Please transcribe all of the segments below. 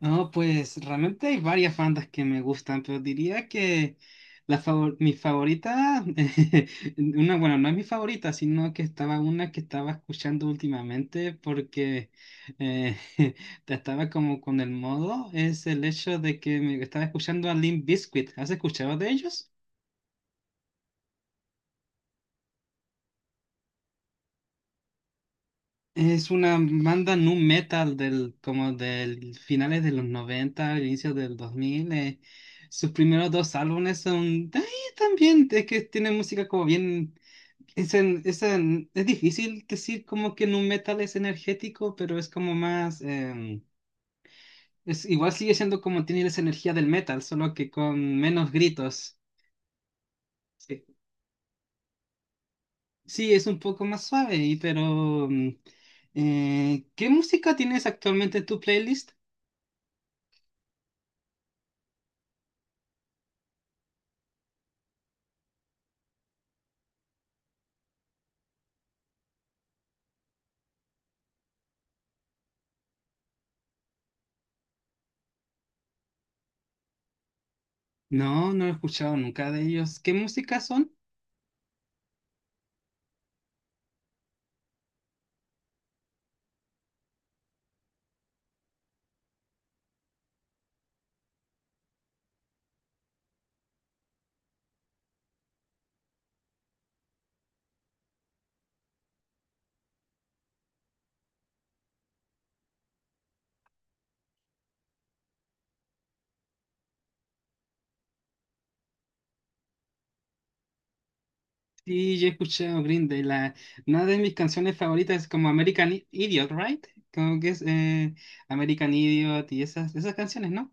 No, pues realmente hay varias bandas que me gustan, pero diría que mi favorita. Una, bueno, no es mi favorita, sino que estaba una que estaba escuchando últimamente porque eh, estaba como con el modo, es el hecho de que me estaba escuchando a Limp Bizkit. ¿Has escuchado de ellos? Es una banda nu metal como del finales de los 90, inicios del 2000. Sus primeros dos álbumes son ay, también, es que tienen música como bien. Es difícil decir como que nu metal es energético, pero es como más. Em, es, igual sigue siendo como tiene esa energía del metal, solo que con menos gritos. Sí, sí, es un poco más suave, y pero ¿qué música tienes actualmente en tu playlist? No, no he escuchado nunca de ellos. ¿Qué música son? Sí, yo he escuchado Green Day. Una de mis canciones favoritas es como American Idiot, ¿right? Como que es American Idiot y esas canciones, ¿no?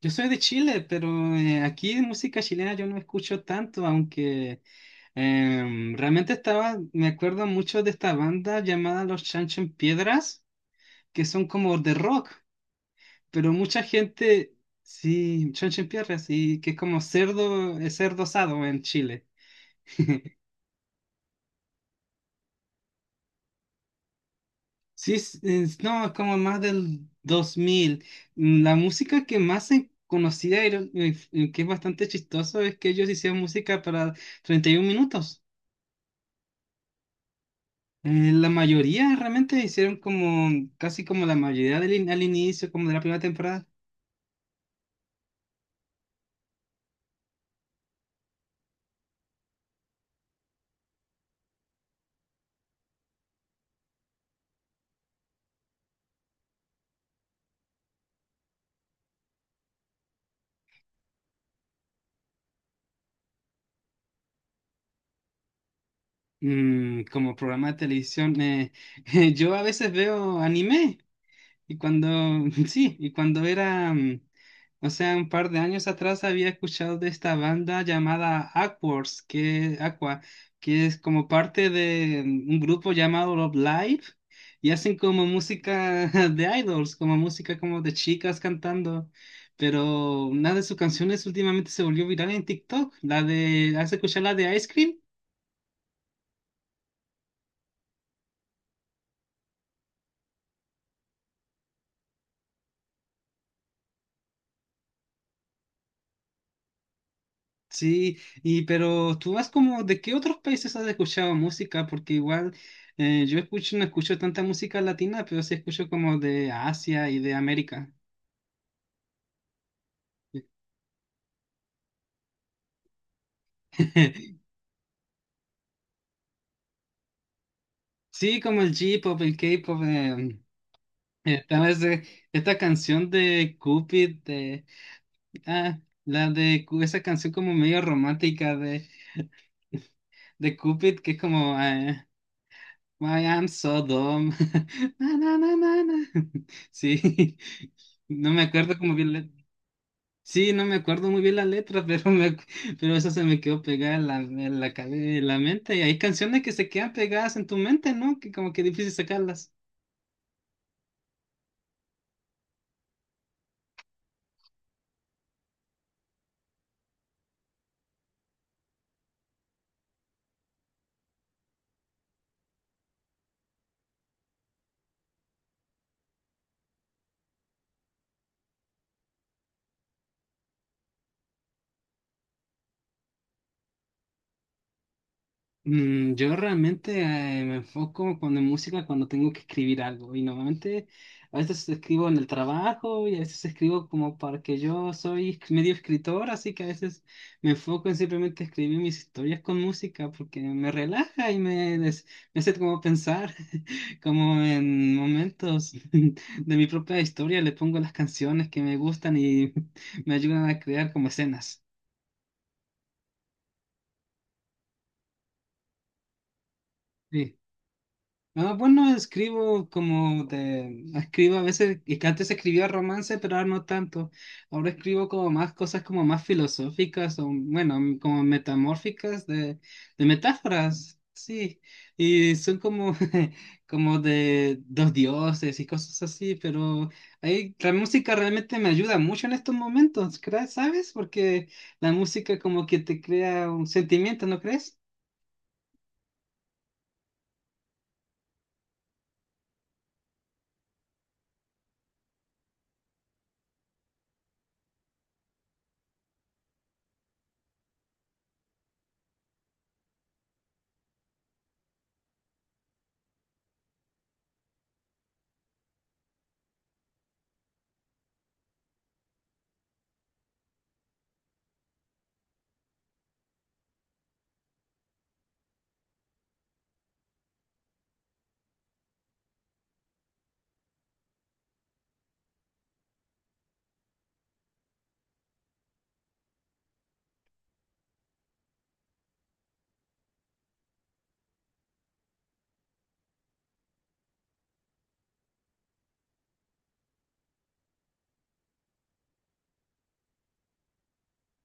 Yo soy de Chile, pero aquí de música chilena yo no escucho tanto, aunque realmente me acuerdo mucho de esta banda llamada Los Chancho en Piedras, que son como de rock. Pero mucha gente. Sí, Pierre, sí, que es como cerdo, es cerdo asado en Chile. Sí, no, es como más del 2000. Mm. La música que más se conocía que es bastante chistoso es que ellos hicieron música para 31 minutos. La mayoría realmente hicieron como, casi como la mayoría al inicio, como de la primera temporada. Como programa de televisión, yo a veces veo anime. Y cuando, sí, y cuando era, o sea, un par de años atrás había escuchado de esta banda llamada Aqua, que es como parte de un grupo llamado Love Live, y hacen como música de idols, como música como de chicas cantando, pero una de sus canciones últimamente se volvió viral en TikTok, ¿has escuchado la de Ice Cream? Sí, y pero tú vas como, ¿de qué otros países has escuchado música? Porque igual no escucho tanta música latina, pero sí escucho como de Asia y de América. Sí, como el J-pop, el K-pop, esta vez, esta canción de Cupid, ah, la de esa canción como medio romántica de, Cupid, que es como, Why I'm so dumb. Na, na, na, na, na. Sí, no me acuerdo como bien la. Sí, no me acuerdo muy bien la letra, pero eso se me quedó pegada en la mente. Y hay canciones que se quedan pegadas en tu mente, ¿no? Que como que difícil sacarlas. Yo realmente me enfoco cuando en música cuando tengo que escribir algo y normalmente a veces escribo en el trabajo y a veces escribo como para que yo soy medio escritor, así que a veces me enfoco en simplemente escribir mis historias con música porque me relaja y me hace como pensar, como en momentos de mi propia historia le pongo las canciones que me gustan y me ayudan a crear como escenas. Sí. Ah, bueno, Escribo a veces, y que antes escribía romance, pero ahora no tanto. Ahora escribo como más cosas como más filosóficas o, bueno, como metamórficas de metáforas, sí. Y son como de dos dioses y cosas así, pero ahí la música realmente me ayuda mucho en estos momentos, ¿crees? ¿Sabes? Porque la música como que te crea un sentimiento, ¿no crees?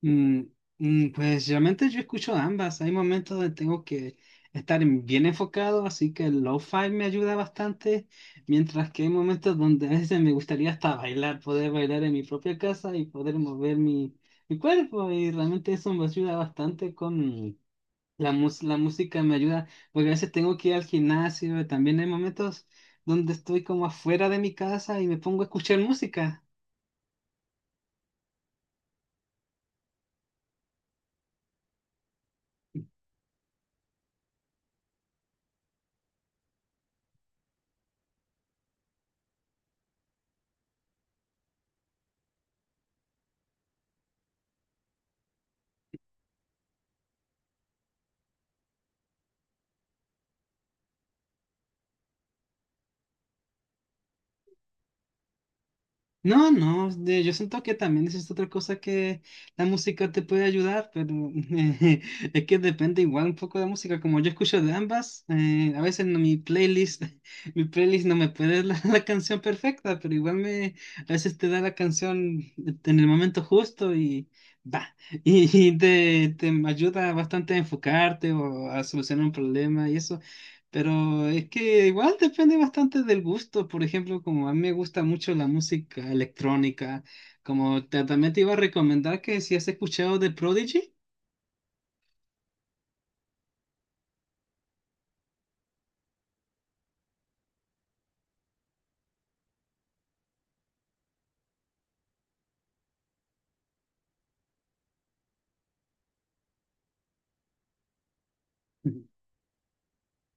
Mm, pues realmente yo escucho ambas. Hay momentos donde tengo que estar bien enfocado, así que el lo-fi me ayuda bastante, mientras que hay momentos donde a veces me gustaría hasta bailar, poder bailar en mi propia casa y poder mover mi cuerpo. Y realmente eso me ayuda bastante con la música, me ayuda, porque a veces tengo que ir al gimnasio. También hay momentos donde estoy como afuera de mi casa y me pongo a escuchar música. No, no, yo siento que también esa es otra cosa que la música te puede ayudar, pero es que depende igual un poco de la música. Como yo escucho de ambas, a veces no, mi playlist, mi playlist no me puede dar la canción perfecta, pero igual a veces te da la canción en el momento justo y va, y te ayuda bastante a enfocarte o a solucionar un problema y eso. Pero es que igual depende bastante del gusto. Por ejemplo, como a mí me gusta mucho la música electrónica, como también te iba a recomendar que si has escuchado de Prodigy.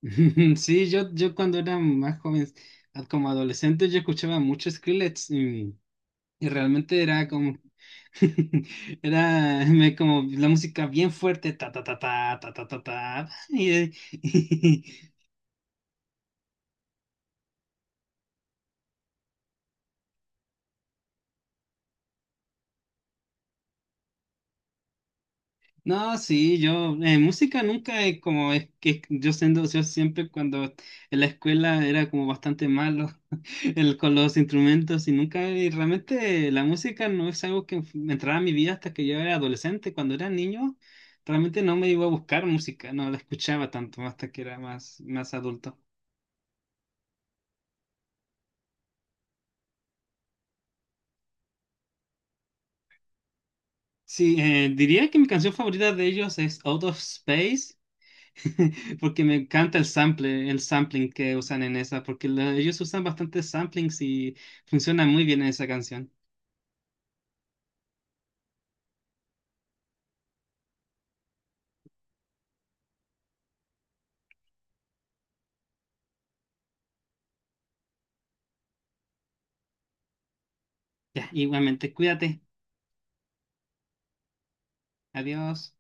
Sí, yo cuando era más joven, como adolescente, yo escuchaba mucho Skrillex. Y realmente era como, era como la música bien fuerte, ta ta ta ta ta ta ta ta. No, sí, música nunca es que yo siempre cuando en la escuela era como bastante malo con los instrumentos y nunca, y realmente la música no es algo que me entrara a mi vida hasta que yo era adolescente, cuando era niño, realmente no me iba a buscar música, no la escuchaba tanto hasta que era más adulto. Sí, diría que mi canción favorita de ellos es Out of Space, porque me encanta el sample, el sampling que usan en esa, porque ellos usan bastantes samplings y funciona muy bien en esa canción. Ya, igualmente, cuídate. Adiós.